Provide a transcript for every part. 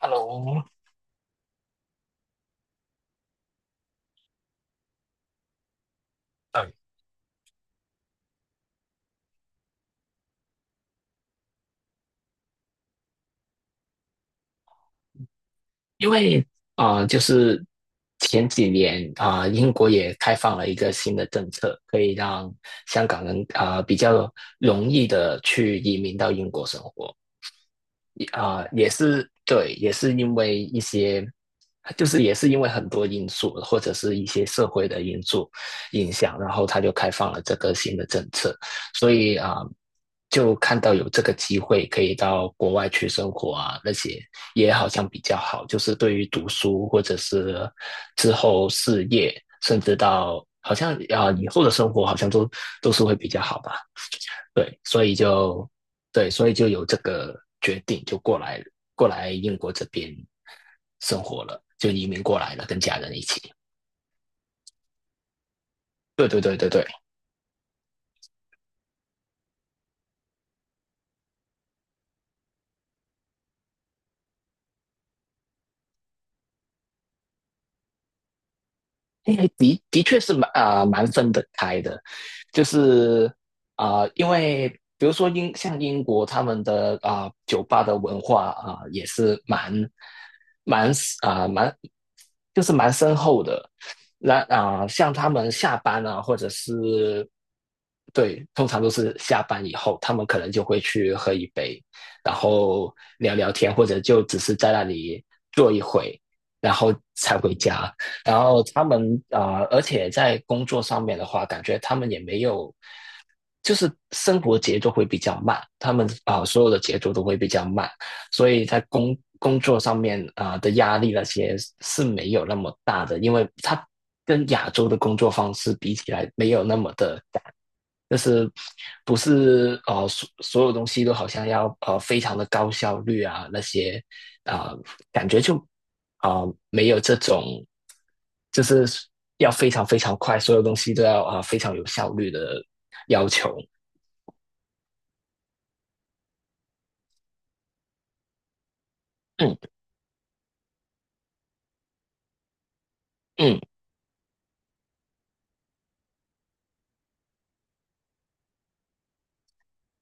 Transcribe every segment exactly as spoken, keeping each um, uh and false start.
Hello，呃，因为啊，就是前几年啊、呃英国也开放了一个新的政策，可以让香港人啊、呃比较容易的去移民到英国生活。啊、呃也是对，也是因为一些，就是也是因为很多因素，或者是一些社会的因素影响，然后他就开放了这个新的政策，所以啊、呃就看到有这个机会可以到国外去生活啊，那些也好像比较好，就是对于读书或者是之后事业，甚至到好像啊、以后的生活，好像都都是会比较好吧。对，所以就对，所以就有这个决定，就过来过来英国这边生活了，就移民过来了，跟家人一起。对对对对对，诶的的确是蛮啊、呃蛮分得开的，就是啊、呃因为比如说英像英国他们的啊、酒吧的文化啊、也是蛮蛮啊、蛮就是蛮深厚的。那啊、像他们下班啊，或者是对，通常都是下班以后，他们可能就会去喝一杯，然后聊聊天，或者就只是在那里坐一会，然后才回家。然后他们啊、呃而且在工作上面的话，感觉他们也没有，就是生活节奏会比较慢，他们啊、呃所有的节奏都会比较慢，所以在工工作上面啊、呃的压力那些是没有那么大的，因为他跟亚洲的工作方式比起来没有那么的赶，就是不是呃所所有东西都好像要呃非常的高效率啊那些啊、呃感觉就啊、没有这种就是要非常非常快，所有东西都要啊、非常有效率的要求。嗯嗯，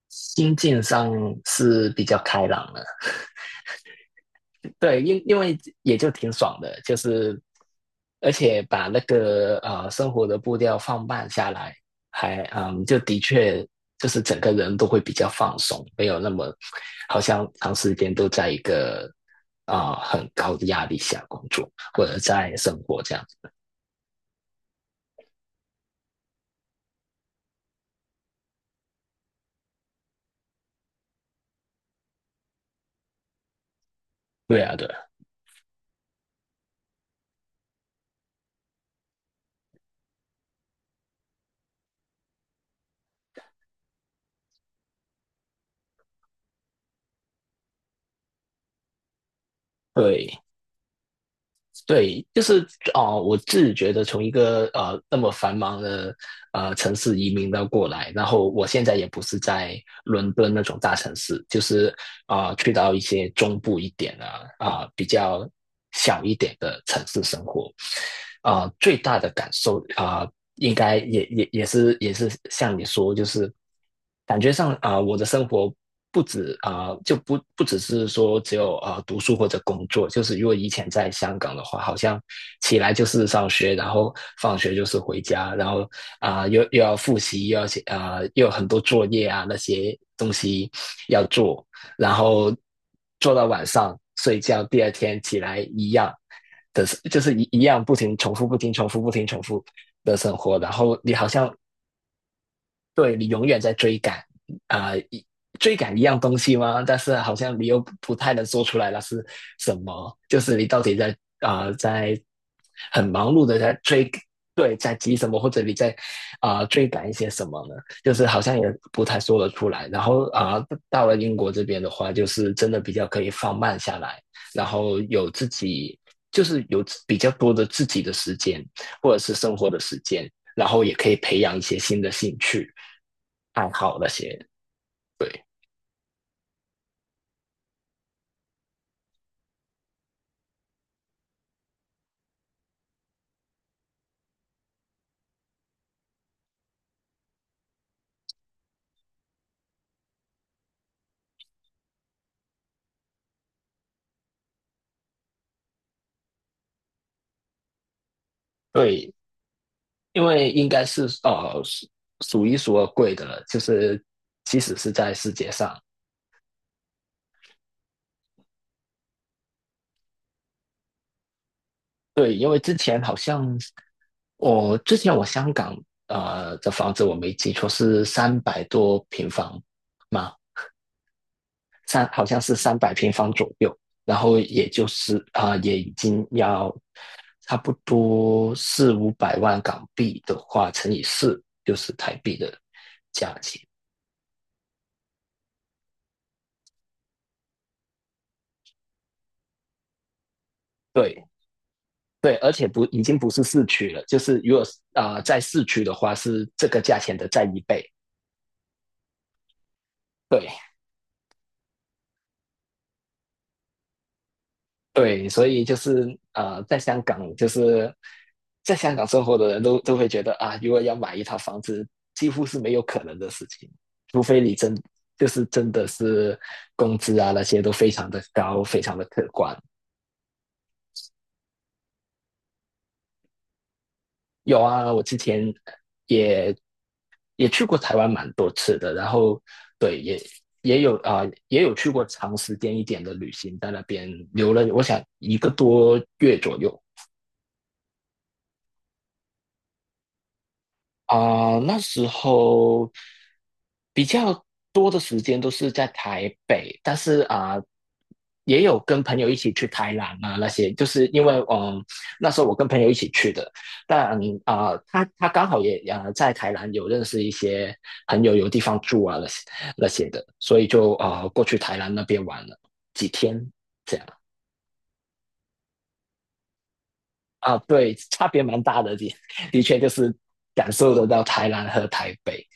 心境上是比较开朗的。对，因因为也就挺爽的，就是而且把那个呃生活的步调放慢下来，还嗯，就的确就是整个人都会比较放松，没有那么好像长时间都在一个啊、呃很高的压力下工作或者在生活这样。对啊，对啊对，对，就是哦、呃我自己觉得从一个呃那么繁忙的呃城市移民到过来，然后我现在也不是在伦敦那种大城市，就是啊、呃去到一些中部一点的啊、呃比较小一点的城市生活，啊、呃最大的感受啊、呃应该也也也是也是像你说，就是感觉上啊、我的生活不止啊、就不不只是说只有啊、读书或者工作，就是如果以前在香港的话，好像起来就是上学，然后放学就是回家，然后啊、又又要复习，又要写啊、又有很多作业啊那些东西要做，然后做到晚上睡觉，第二天起来一样的，就是一一样不停重复，不停重复，不停重复的生活，然后你好像对你永远在追赶，啊、一追赶一样东西吗？但是好像你又不不太能说出来那是什么，就是你到底在啊、呃在很忙碌的在追，对，在急什么，或者你在啊、呃追赶一些什么呢？就是好像也不太说得出来。然后啊、呃到了英国这边的话，就是真的比较可以放慢下来，然后有自己。就是有比较多的自己的时间，或者是生活的时间，然后也可以培养一些新的兴趣、爱好那些。对对，因为应该是呃数一数二贵的了，就是即使是在世界上，对，因为之前好像我之前我香港呃的房子我没记错是三百多平方嘛，三好像是三百平方左右，然后也就是啊、呃也已经要差不多四五百万港币的话，乘以四就是台币的价钱。对对，而且不已经不是市区了，就是如果啊、呃在市区的话是这个价钱的再一倍。对，对，所以就是呃，在香港，就是在香港生活的人都都会觉得啊，如果要买一套房子，几乎是没有可能的事情，除非你真就是真的是工资啊那些都非常的高，非常的可观。有啊，我之前也也去过台湾蛮多次的，然后对也也有啊、也有去过长时间一点的旅行，在那边留了我想一个多月左右。啊、那时候比较多的时间都是在台北，但是啊、也有跟朋友一起去台南啊那些，就是因为嗯，那时候我跟朋友一起去的，但啊、他他刚好也啊、在台南有认识一些朋友，有地方住啊那些那些的，所以就啊、过去台南那边玩了几天，这样啊、对，差别蛮大的，的的确就是感受得到台南和台北。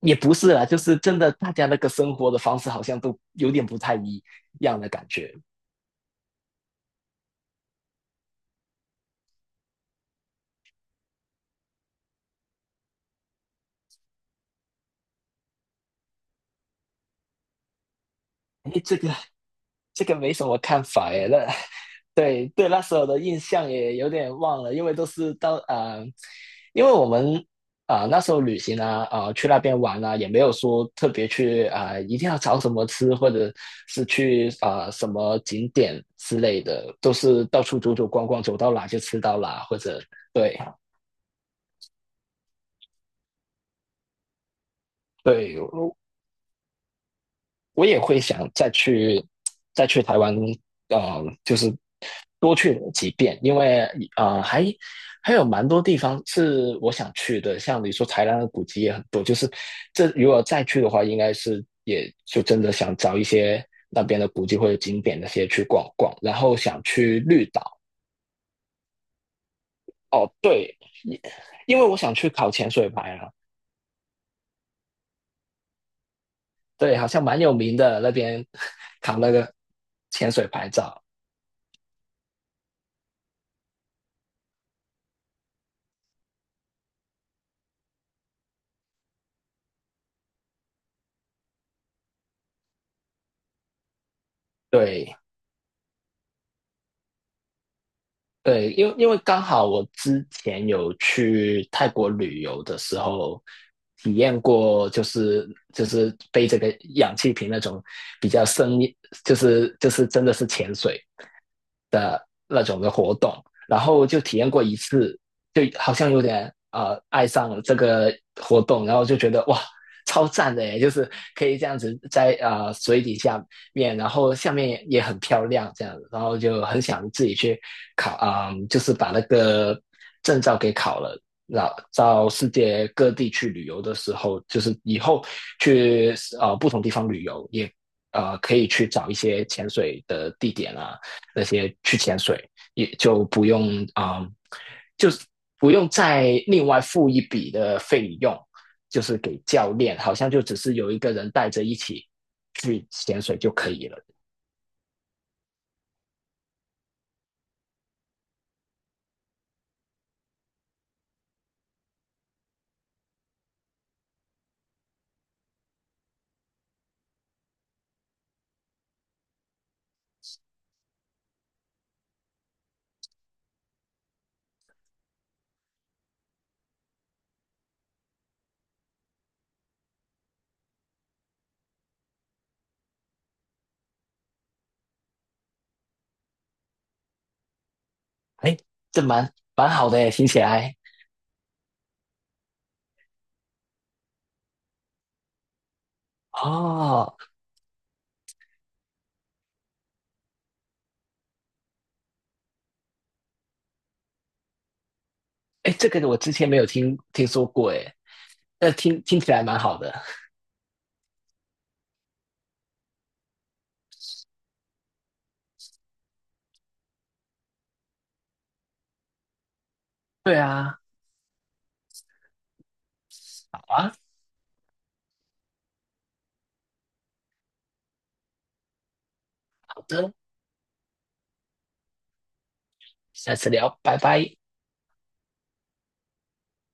也不是啦，就是真的大家那个生活的方式好像都有点不太一样的感觉。哎，这个这个没什么看法哎，那对对那时候的印象也有点忘了，因为都是到啊、呃因为我们啊、呃那时候旅行啊啊、呃去那边玩啊，也没有说特别去啊、呃一定要找什么吃，或者是去啊、呃什么景点之类的，都是到处走走逛逛，走到哪就吃到哪，或者对对，我也会想再去再去台湾，呃，就是多去几遍，因为呃还还有蛮多地方是我想去的，像你说台湾的古迹也很多，就是这如果再去的话，应该是也就真的想找一些那边的古迹或者景点那些去逛逛，然后想去绿岛。哦，对，因因为我想去考潜水牌啊，对，好像蛮有名的那边 考那个潜水牌照，对。对，因为因为刚好我之前有去泰国旅游的时候，体验过就是就是背这个氧气瓶那种比较深，就是就是真的是潜水，那种的活动，然后就体验过一次，就好像有点呃爱上了这个活动，然后就觉得哇。超赞的耶，就是可以这样子在呃水底下面，然后下面也很漂亮这样子，然后就很想自己去考啊、嗯就是把那个证照给考了，然后到世界各地去旅游的时候，就是以后去呃不同地方旅游，也呃可以去找一些潜水的地点啊，那些去潜水，也就不用啊、嗯就是不用再另外付一笔的费用，就是给教练，好像就只是有一个人带着一起去潜水就可以了。哎，这蛮蛮好的哎，听起来哦，哎，这个我之前没有听听说过哎，那听听起来蛮好的。对啊，好啊，好的，下次聊，拜拜。